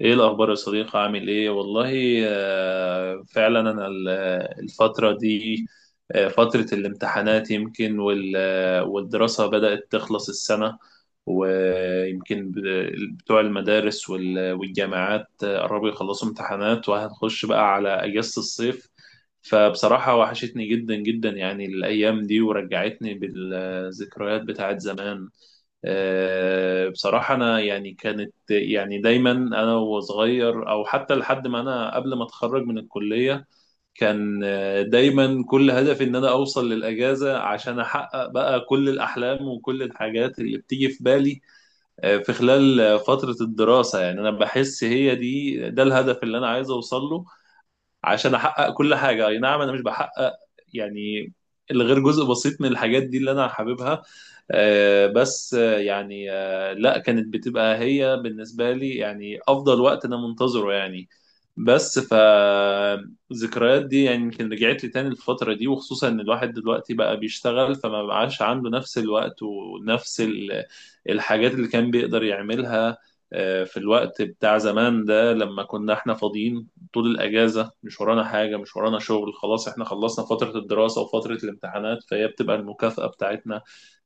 ايه الاخبار يا صديقي، عامل ايه والله؟ فعلا انا الفتره دي، فتره الامتحانات يمكن والدراسه بدات تخلص السنه. ويمكن بتوع المدارس والجامعات قربوا يخلصوا امتحانات وهنخش بقى على اجازه الصيف. فبصراحه وحشتني جدا جدا يعني الايام دي، ورجعتني بالذكريات بتاعت زمان. بصراحة أنا يعني كانت يعني دايما أنا وصغير، أو حتى لحد ما أنا قبل ما أتخرج من الكلية، كان دايما كل هدفي إن أنا أوصل للأجازة، عشان أحقق بقى كل الأحلام وكل الحاجات اللي بتيجي في بالي في خلال فترة الدراسة. يعني أنا بحس هي دي ده الهدف اللي أنا عايز أوصل له، عشان احقق كل حاجه. اي نعم، انا مش بحقق يعني الا غير جزء بسيط من الحاجات دي اللي انا حاببها. بس يعني لا، كانت بتبقى هي بالنسبه لي يعني افضل وقت انا منتظره يعني. بس فالذكريات دي يعني يمكن رجعت لي تاني الفترة دي، وخصوصا ان الواحد دلوقتي بقى بيشتغل، فما بقاش عنده نفس الوقت ونفس الحاجات اللي كان بيقدر يعملها في الوقت بتاع زمان ده، لما كنا احنا فاضيين طول الأجازة، مش ورانا حاجة، مش ورانا شغل، خلاص احنا خلصنا فترة الدراسة وفترة الامتحانات، فهي بتبقى المكافأة بتاعتنا،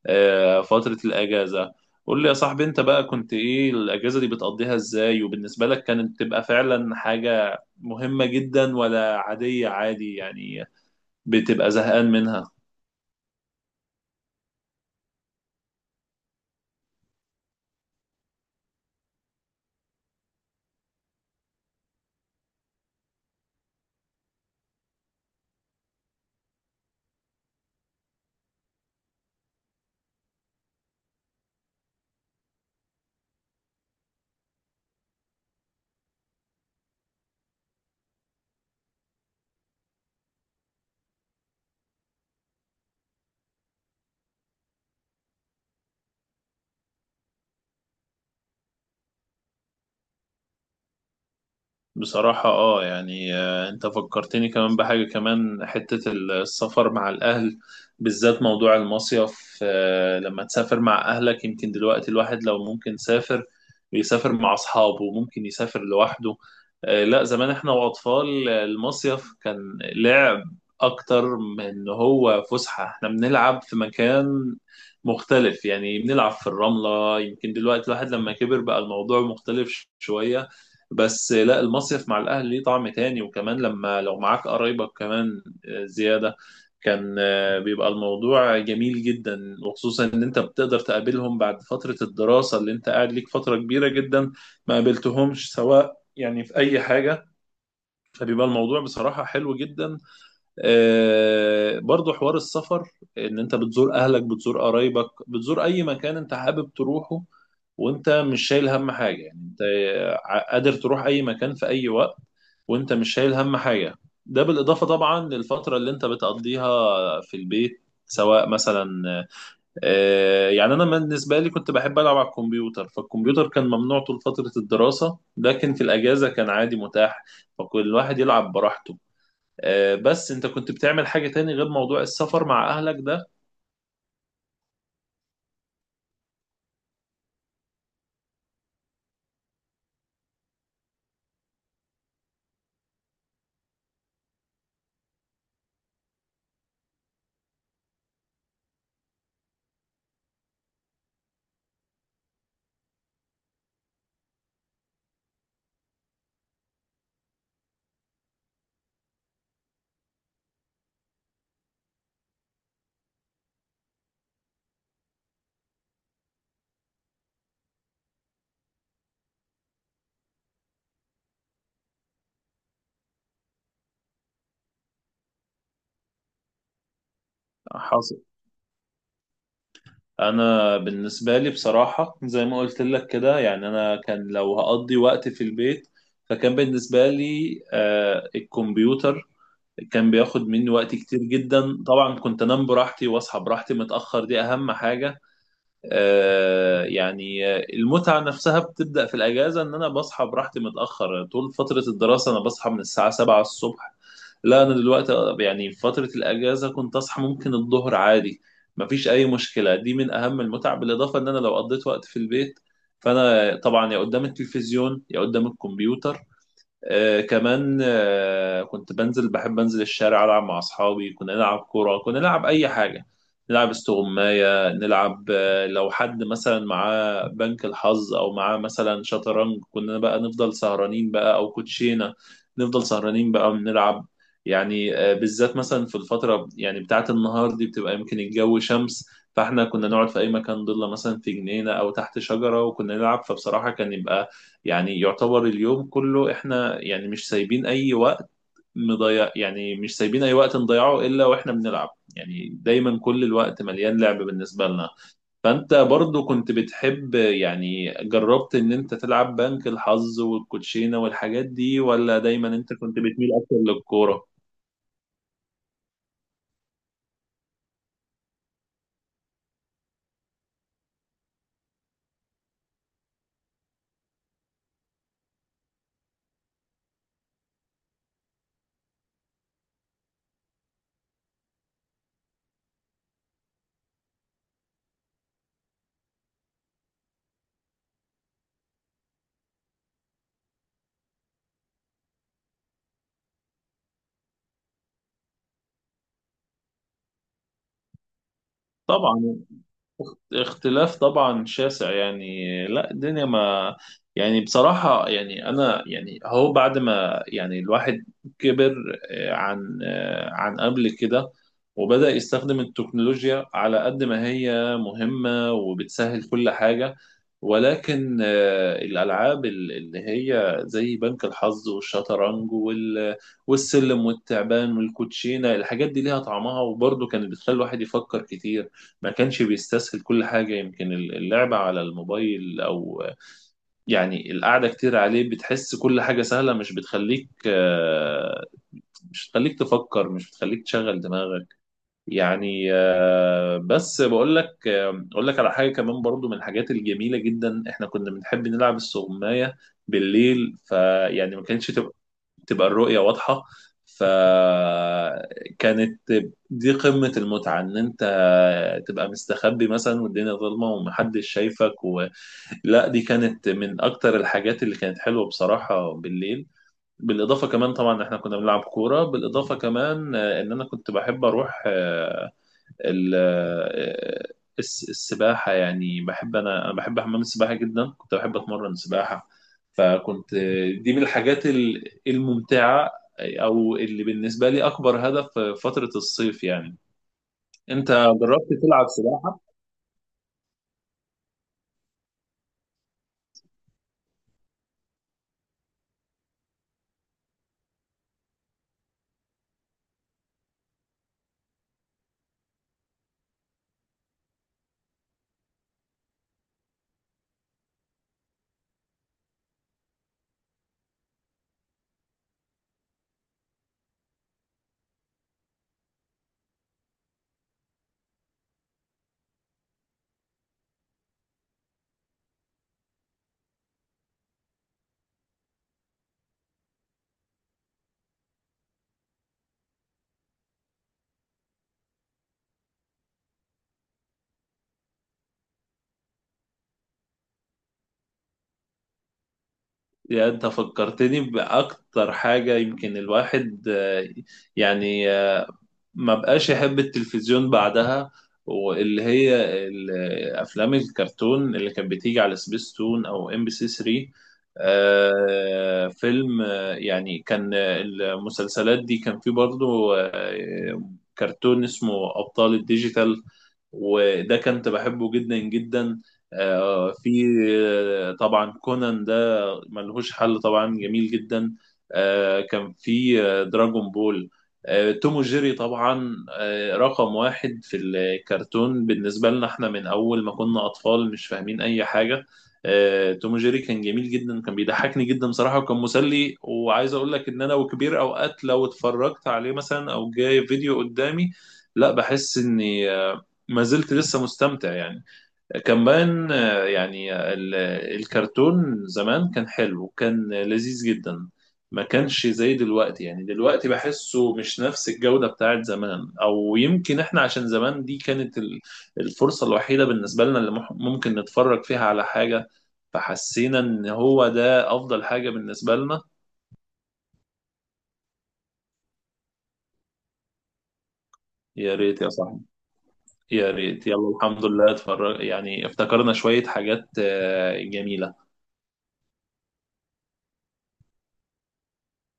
فترة الأجازة. قول لي يا صاحبي، انت بقى كنت ايه الأجازة دي بتقضيها ازاي؟ وبالنسبة لك كانت تبقى فعلا حاجة مهمة جدا، ولا عادية عادي يعني، بتبقى زهقان منها؟ بصراحة، يعني انت فكرتني كمان بحاجة، كمان حتة السفر مع الأهل، بالذات موضوع المصيف. لما تسافر مع أهلك، يمكن دلوقتي الواحد لو ممكن يسافر، بيسافر مع أصحابه، ممكن يسافر لوحده. لا، زمان احنا وأطفال، المصيف كان لعب أكتر من إن هو فسحة. احنا بنلعب في مكان مختلف، يعني بنلعب في الرملة. يمكن دلوقتي الواحد لما كبر بقى الموضوع مختلف شوية، بس لا، المصيف مع الاهل ليه طعم تاني، وكمان لما لو معاك قرايبك كمان زيادة، كان بيبقى الموضوع جميل جدا، وخصوصا ان انت بتقدر تقابلهم بعد فترة الدراسة، اللي انت قاعد ليك فترة كبيرة جدا ما قابلتهمش سواء يعني في اي حاجة. فبيبقى الموضوع بصراحة حلو جدا. برضو حوار السفر، ان انت بتزور اهلك، بتزور قرايبك، بتزور اي مكان انت حابب تروحه، وانت مش شايل هم حاجة، يعني انت قادر تروح اي مكان في اي وقت، وانت مش شايل هم حاجه. ده بالاضافه طبعا للفتره اللي انت بتقضيها في البيت، سواء مثلا يعني انا بالنسبه لي كنت بحب العب على الكمبيوتر، فالكمبيوتر كان ممنوع طول فتره الدراسه، لكن في الاجازه كان عادي متاح، فكل واحد يلعب براحته. بس انت كنت بتعمل حاجه تاني غير موضوع السفر مع اهلك ده؟ حاصل. انا بالنسبه لي بصراحه زي ما قلت لك كده، يعني انا كان لو هقضي وقت في البيت، فكان بالنسبه لي الكمبيوتر كان بياخد مني وقت كتير جدا. طبعا كنت انام براحتي واصحى براحتي متاخر، دي اهم حاجه. يعني المتعه نفسها بتبدا في الاجازه، ان انا بصحى براحتي متاخر. طول فتره الدراسه انا بصحى من الساعه 7 الصبح، لا انا دلوقتي، يعني في فتره الاجازه كنت اصحى ممكن الظهر عادي، مفيش اي مشكله، دي من اهم المتع. بالاضافه ان انا لو قضيت وقت في البيت، فانا طبعا يا قدام التلفزيون يا قدام الكمبيوتر. كمان كنت بنزل، بحب انزل الشارع العب مع اصحابي، كنا نلعب كوره، كنا نلعب اي حاجه، نلعب استغمايه، نلعب لو حد مثلا معاه بنك الحظ او معاه مثلا شطرنج، كنا بقى نفضل سهرانين بقى، او كوتشينه نفضل سهرانين بقى بنلعب. يعني بالذات مثلا في الفتره يعني بتاعه النهار دي بتبقى يمكن الجو شمس، فاحنا كنا نقعد في اي مكان ضله، مثلا في جنينه او تحت شجره، وكنا نلعب. فبصراحه كان يبقى يعني يعتبر اليوم كله احنا يعني مش سايبين اي وقت مضيع، يعني مش سايبين اي وقت نضيعه الا واحنا بنلعب. يعني دايما كل الوقت مليان لعب بالنسبة لنا. فانت برضو كنت بتحب، يعني جربت ان انت تلعب بنك الحظ والكوتشينة والحاجات دي، ولا دايما انت كنت بتميل اكتر للكورة؟ طبعا اختلاف طبعا شاسع يعني، لا الدنيا ما، يعني بصراحة يعني أنا يعني، هو بعد ما يعني الواحد كبر آه، عن قبل كده، وبدأ يستخدم التكنولوجيا على قد ما هي مهمة وبتسهل كل حاجة، ولكن الألعاب اللي هي زي بنك الحظ والشطرنج والسلم والتعبان والكوتشينة، الحاجات دي ليها طعمها، وبرضه كانت بتخلي الواحد يفكر كتير، ما كانش بيستسهل كل حاجة. يمكن اللعبة على الموبايل أو يعني القعدة كتير عليه بتحس كل حاجة سهلة، مش بتخليك مش بتخليك تفكر، مش بتخليك تشغل دماغك يعني. بس بقول لك أقول لك على حاجة كمان برضو من الحاجات الجميلة جدا، إحنا كنا بنحب نلعب السغماية بالليل، فيعني ما كانتش تبقى الرؤية واضحة، فكانت دي قمة المتعة، إن أنت تبقى مستخبي مثلا والدنيا ظلمة ومحدش شايفك. لا، دي كانت من أكتر الحاجات اللي كانت حلوة بصراحة بالليل. بالإضافة كمان طبعا إحنا كنا بنلعب كورة. بالإضافة كمان إن أنا كنت بحب أروح ال- آه، السباحة، يعني بحب أنا أنا بحب حمام السباحة جدا، كنت بحب أتمرن سباحة، فكنت دي من الحاجات الممتعة، أو اللي بالنسبة لي أكبر هدف في فترة الصيف يعني. أنت جربت تلعب سباحة؟ يعني أنت فكرتني بأكتر حاجة يمكن الواحد يعني ما بقاش يحب التلفزيون بعدها، واللي هي ال- افلام الكرتون اللي كانت بتيجي على سبيستون او ام بي سي 3. فيلم يعني كان المسلسلات دي كان فيه برضو كرتون اسمه ابطال الديجيتال، وده كنت بحبه جدا جدا. آه، في آه، طبعا كونان ده ملهوش حل، طبعا جميل جدا. كان في دراجون بول، توم وجيري طبعا رقم واحد في الكرتون بالنسبة لنا، احنا من أول ما كنا أطفال مش فاهمين أي حاجة. توم وجيري كان جميل جدا، كان بيضحكني جدا صراحة، وكان مسلي. وعايز أقول لك إن أنا وكبير أوقات لو اتفرجت عليه مثلا أو جاي فيديو قدامي، لا بحس إني ما زلت لسه مستمتع يعني. كمان يعني الكرتون زمان كان حلو، كان لذيذ جدا، ما كانش زي دلوقتي. يعني دلوقتي بحسه مش نفس الجودة بتاعت زمان، او يمكن احنا عشان زمان دي كانت الفرصة الوحيدة بالنسبة لنا، اللي ممكن نتفرج فيها على حاجة، فحسينا ان هو ده افضل حاجة بالنسبة لنا. يا ريت يا صاحبي، يا ريت. يلا الحمد لله، اتفرج يعني افتكرنا شوية حاجات جميلة.